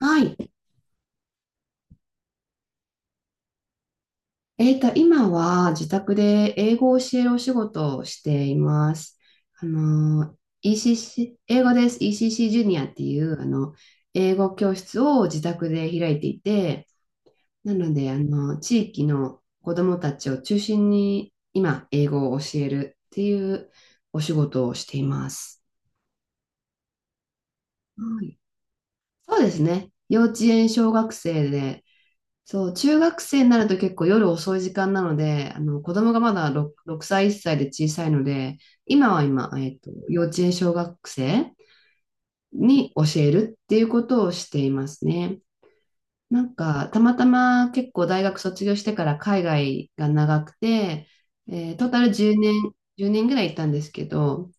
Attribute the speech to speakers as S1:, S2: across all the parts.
S1: はい。今は自宅で英語を教えるお仕事をしています。あの、ECC、英語です。ECC ジュニアっていう、英語教室を自宅で開いていて、なので、地域の子どもたちを中心に今、英語を教えるっていうお仕事をしています。はい。そうですね。幼稚園、小学生で、そう、中学生になると結構夜遅い時間なので、あの子供がまだ 6歳、1歳で小さいので、今は幼稚園小学生に教えるっていうことをしていますね。なんか、たまたま結構大学卒業してから海外が長くて、トータル10年、1年ぐらい行ったんですけど、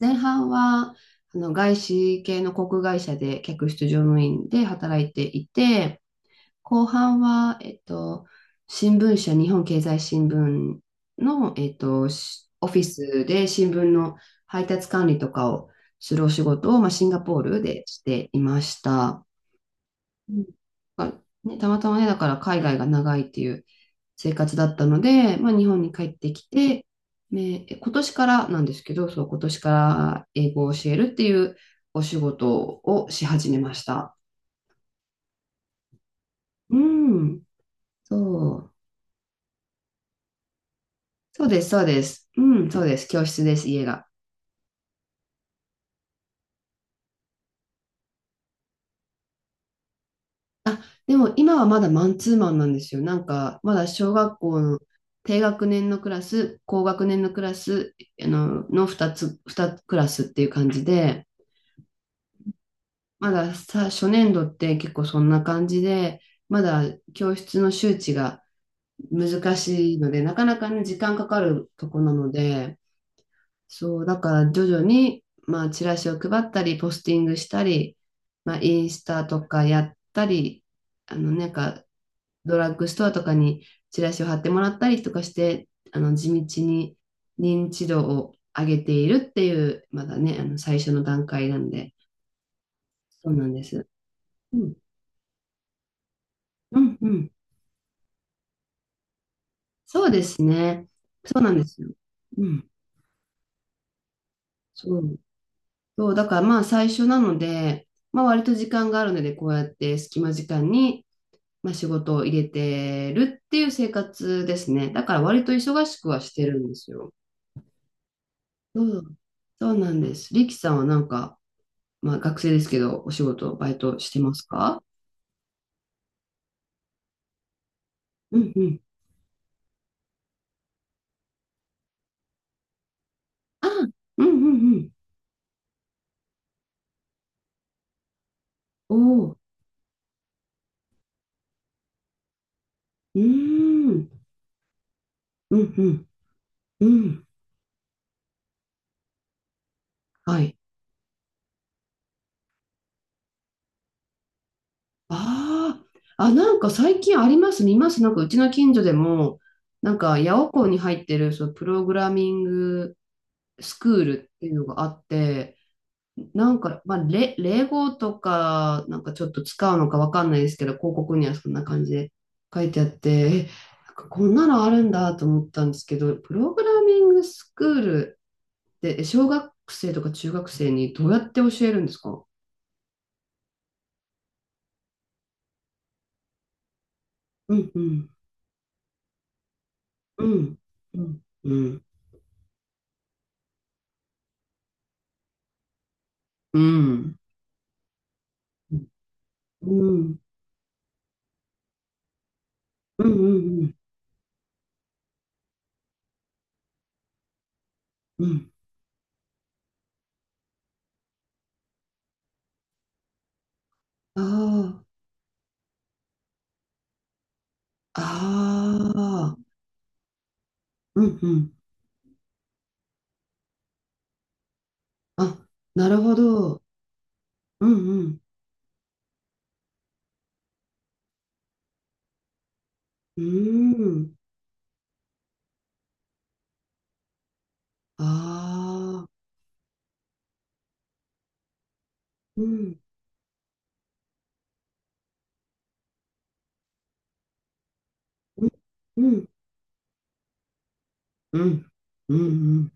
S1: 前半はあの外資系の航空会社で客室乗務員で働いていて、後半は、新聞社、日本経済新聞の、しオフィスで新聞の配達管理とかをするお仕事を、まあ、シンガポールでしていました。うん。あね、たまたまね、だから海外が長いっていう生活だったので、まあ、日本に帰ってきて、ね、え今年からなんですけど、そう、今年から英語を教えるっていうお仕事をし始めました。うん、そう。そうです、そうです。うん、そうです。教室です、家が。あ、でも今はまだマンツーマンなんですよ。なんか、まだ小学校の低学年のクラス、高学年のクラス、あの、の2つ、2クラスっていう感じで、まださ、初年度って結構そんな感じで、まだ教室の周知が難しいので、なかなかね、時間かかるとこなので、そう、だから徐々に、まあ、チラシを配ったり、ポスティングしたり、まあ、インスタとかやったり、あの、なんか、ドラッグストアとかにチラシを貼ってもらったりとかして、あの、地道に認知度を上げているっていう、まだね、あの、最初の段階なんで、そうなんです。うん、うん、うん。そうですね。そうなんですよ。うん。そう。そう、だからまあ、最初なので、まあ、割と時間があるので、こうやって隙間時間に、まあ、仕事を入れてるっていう生活ですね。だから割と忙しくはしてるんですよ。うん。そうなんです。リキさんはなんか、まあ、学生ですけど、お仕事、バイトしてますか？うんうん。あ、うんうんうん。おお。うーん。うんうんうん。はい。ああ。あ、なんか最近あります、見ます。なんかうちの近所でも、なんか八百校に入ってる、そう、プログラミングスクールっていうのがあって、なんか、霊語とか、なんかちょっと使うのかわかんないですけど、広告にはそんな感じで書いてあって、え、なんかこんなのあるんだと思ったんですけど、プログラミングスクールで小学生とか中学生にどうやって教えるんですか？うんうん、うん、うん、うん、うん、うん、うん、うん、うん。ああ、ああ、うん、うん。あ、なるほど。うん、うん、うん。ああ、うん、うん、うん、うん、うん、うん。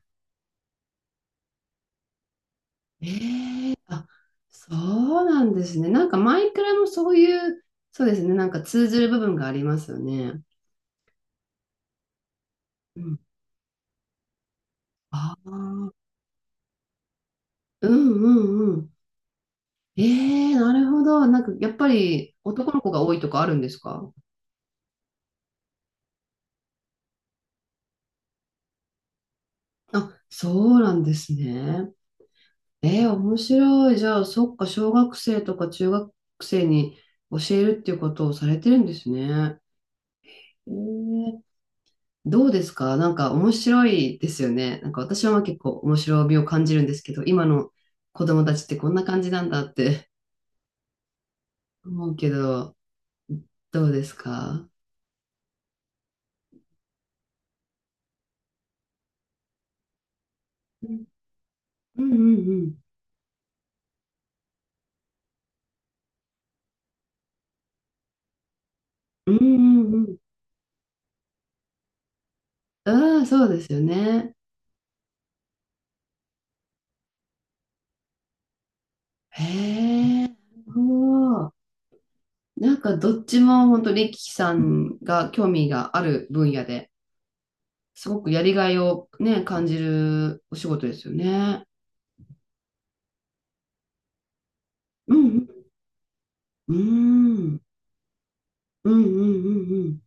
S1: あ、そうなんですね。なんかマイクラもそういう、そうですね、なんか通ずる部分がありますよね。うん。ああ、うんうんうん。ええなるほど。なんかやっぱり男の子が多いとかあるんですか？あ、そうなんですね。えー、面白い。じゃあ、そっか、小学生とか中学生に教えるっていうことをされてるんですね。えーどうですか？なんか面白いですよね。なんか私はまあ結構面白みを感じるんですけど、今の子供たちってこんな感じなんだって思うけど、どうですか？うんうんうん。うんうんうん。ああ、そうですよね。へえ。おーなんかどっちも本当にリキさんが興味がある分野ですごくやりがいをね、感じるお仕事ですよね。うんうん。うんうんうんうん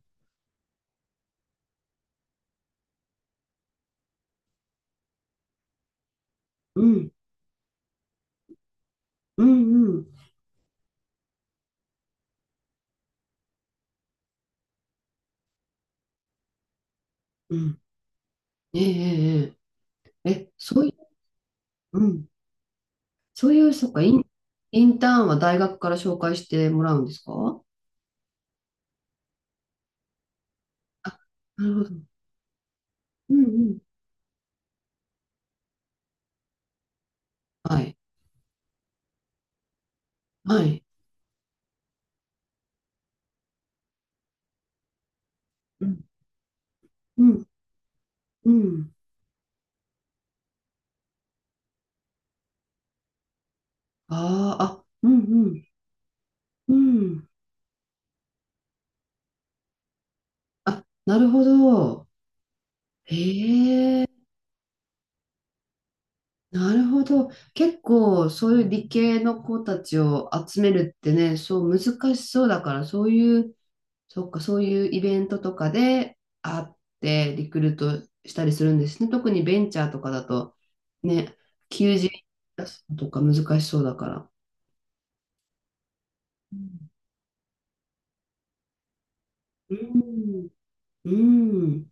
S1: うん。うんうんうんうん。えええええええそういう、うん、そういう、そっか、インターンは大学から紹介してもらうんですか？あ、なるほど。うんうん。はい。はい。うん。うん。うん。ああ、あ、うんうん。うん。あ、なるほど。へえ、なるほど。結構、そういう理系の子たちを集めるってね、そう難しそうだから、そういうそっか、そういうイベントとかで会ってリクルートしたりするんですね。特にベンチャーとかだと、ね、求人出すのとか難しそうだから。うんうん、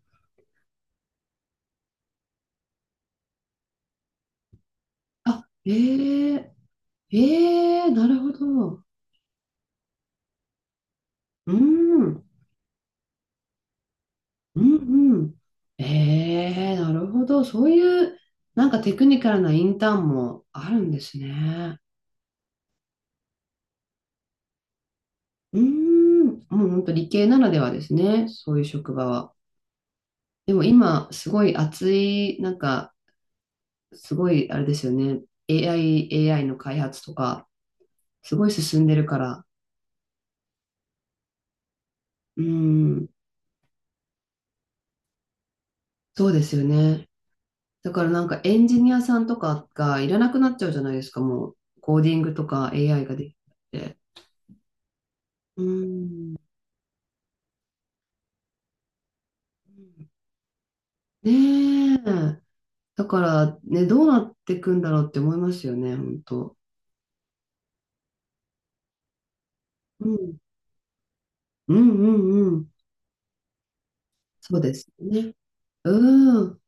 S1: あ、ええええなるほど。うん、うん、うん。ええなるほど。そういう、なんかテクニカルなインターンもあるんですね。うん、もう本当理系ならではですね。そういう職場は。でも今、すごい熱い、なんか、すごい、あれですよね。AI、AI の開発とか、すごい進んでるから。うん、そうですよね。だからなんかエンジニアさんとかがいらなくなっちゃうじゃないですか、もう。コーディングとか AI ができて。うん。ねえ。だからね、どうなっていくんだろうって思いますよね、本当。うん。うんうんうん。そうですね。うん。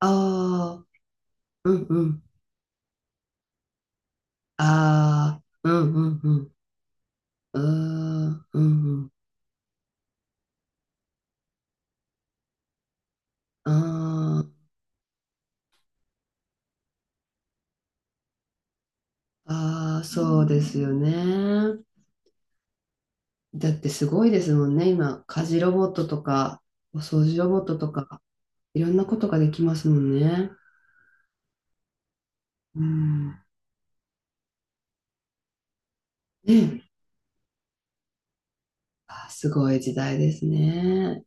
S1: ああ、うんうん。ああ、うんうんうん。うーん、うんうん。あー、あー、そうですよね。だってすごいですもんね。今、家事ロボットとか、お掃除ロボットとか、いろんなことができますもんね。うん。ねえ。あー、すごい時代ですね。